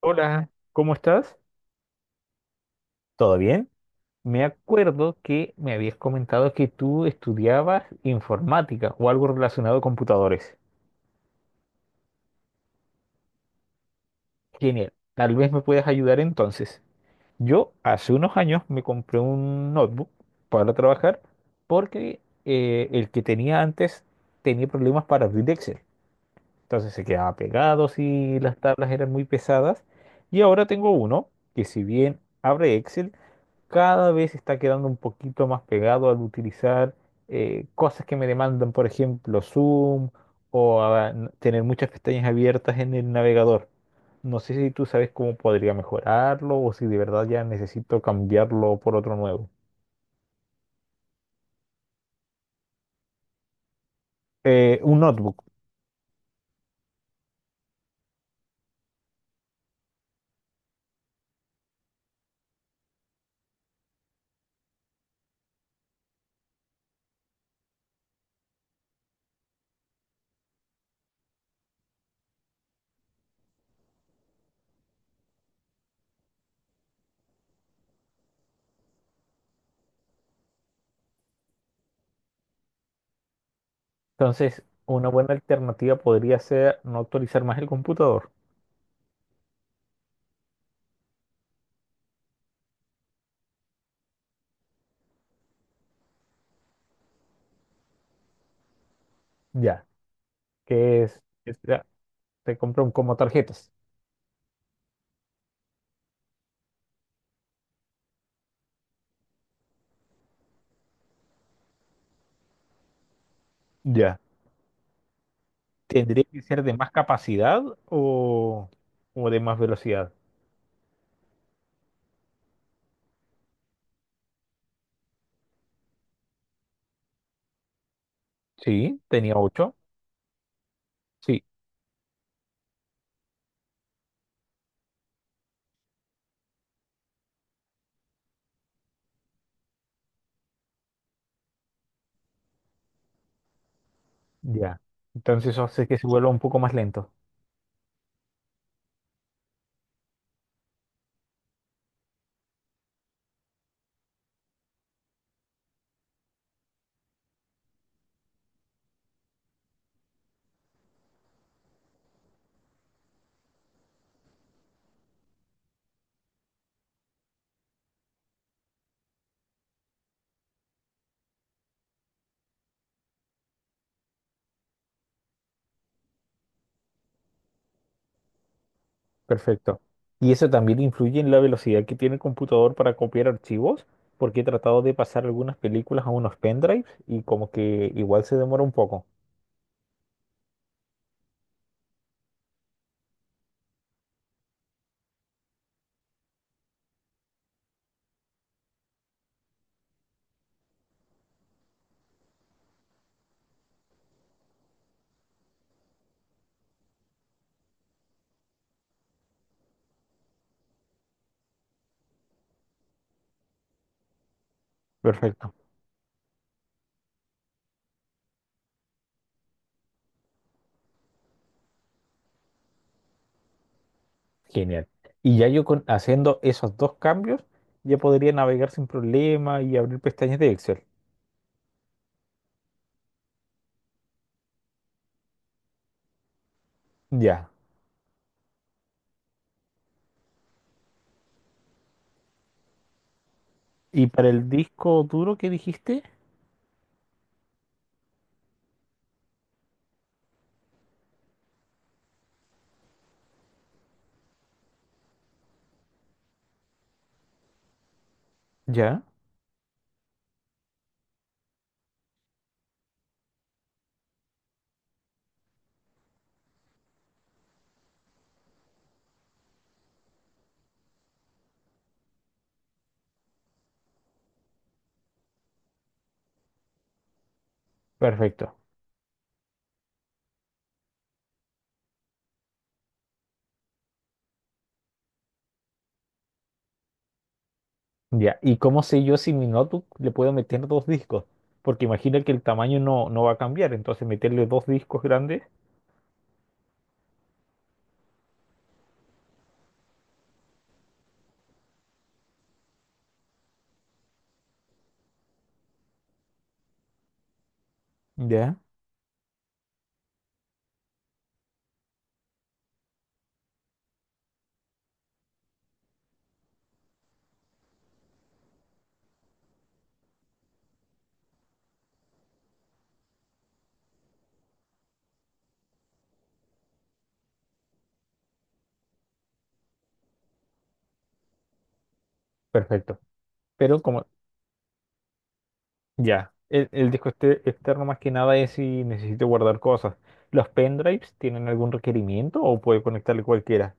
Hola, ¿cómo estás? ¿Todo bien? Me acuerdo que me habías comentado que tú estudiabas informática o algo relacionado a computadores. Genial. Tal vez me puedas ayudar entonces. Yo hace unos años me compré un notebook para trabajar porque el que tenía antes tenía problemas para abrir Excel. Entonces se quedaba pegado si las tablas eran muy pesadas. Y ahora tengo uno que si bien abre Excel, cada vez está quedando un poquito más pegado al utilizar cosas que me demandan, por ejemplo, Zoom o tener muchas pestañas abiertas en el navegador. No sé si tú sabes cómo podría mejorarlo o si de verdad ya necesito cambiarlo por otro nuevo. Un notebook. Entonces, una buena alternativa podría ser no actualizar más el computador. Ya, ya, se compra un como tarjetas. Ya. ¿Tendría que ser de más capacidad o de más velocidad? Sí, tenía ocho. Sí, ya. Entonces eso hace que se vuelva un poco más lento. Perfecto. Y eso también influye en la velocidad que tiene el computador para copiar archivos, porque he tratado de pasar algunas películas a unos pendrives y como que igual se demora un poco. Perfecto. Genial. Y ya yo con, haciendo esos dos cambios, ya podría navegar sin problema y abrir pestañas de Excel. Ya. ¿Y para el disco duro que dijiste? Ya, perfecto. Ya, ¿y cómo sé yo si mi notebook le puedo meter dos discos? Porque imagina que el tamaño no va a cambiar, entonces meterle dos discos grandes. Ya, perfecto. Pero como, ya, el disco externo más que nada es si necesito guardar cosas. ¿Los pendrives tienen algún requerimiento o puede conectarle cualquiera?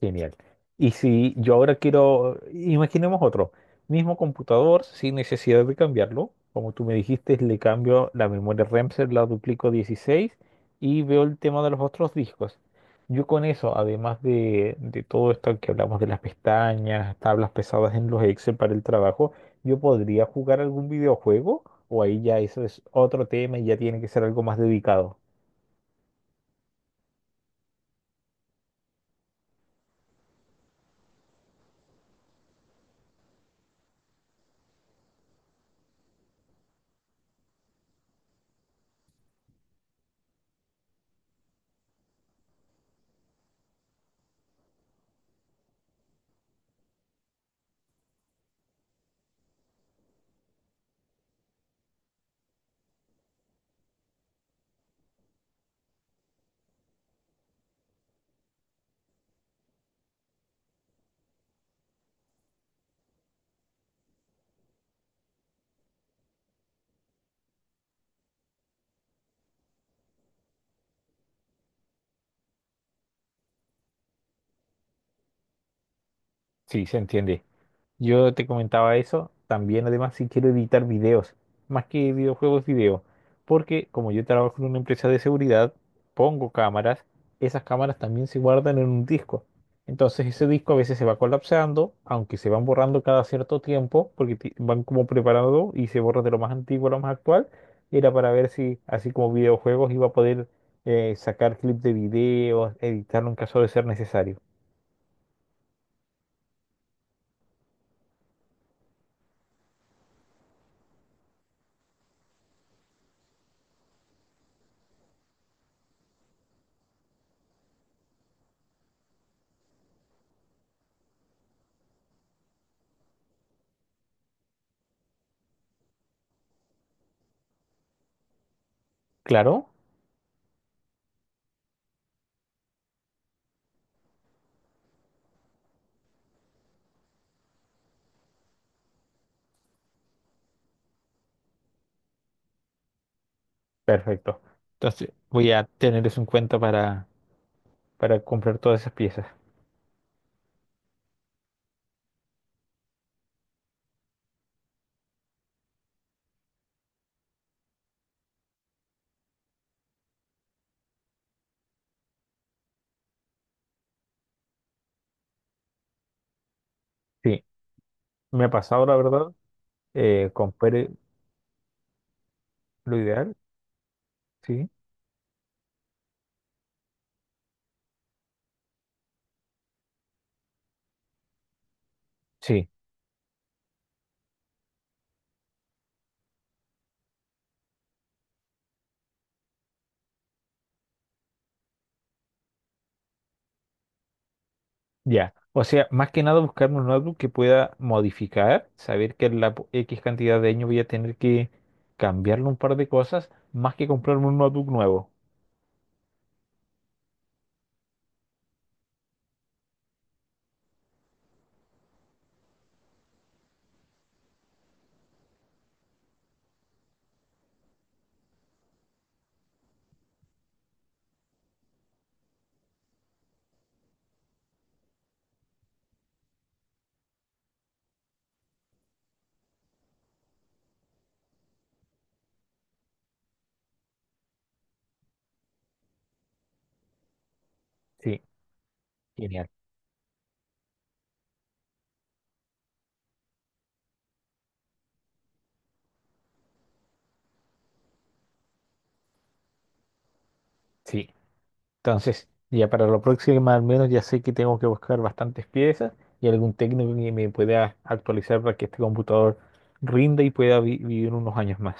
Genial. Y si yo ahora quiero, imaginemos otro, mismo computador sin necesidad de cambiarlo, como tú me dijiste, le cambio la memoria RAM, se la duplico a 16 y veo el tema de los otros discos. Yo con eso, además de todo esto que hablamos de las pestañas, tablas pesadas en los Excel para el trabajo, yo podría jugar algún videojuego o ahí ya eso es otro tema y ya tiene que ser algo más dedicado. Sí, se entiende. Yo te comentaba eso, también además si quiero editar videos, más que videojuegos, video, porque como yo trabajo en una empresa de seguridad, pongo cámaras, esas cámaras también se guardan en un disco. Entonces ese disco a veces se va colapsando, aunque se van borrando cada cierto tiempo, porque van como preparando y se borra de lo más antiguo a lo más actual, era para ver si así como videojuegos iba a poder sacar clips de videos, editarlo en caso de ser necesario. Claro. Perfecto. Entonces voy a tener eso en cuenta para comprar todas esas piezas. Sí, me ha pasado la verdad. Compré lo ideal. Sí, sí, ya. O sea, más que nada buscarme un notebook que pueda modificar, saber que en la X cantidad de años voy a tener que cambiarle un par de cosas, más que comprarme un notebook nuevo. Sí, genial. Sí. Entonces, ya para la próxima al menos ya sé que tengo que buscar bastantes piezas y algún técnico que me pueda actualizar para que este computador rinda y pueda vivir unos años más.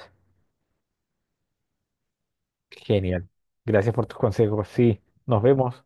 Genial. Gracias por tus consejos. Sí, nos vemos.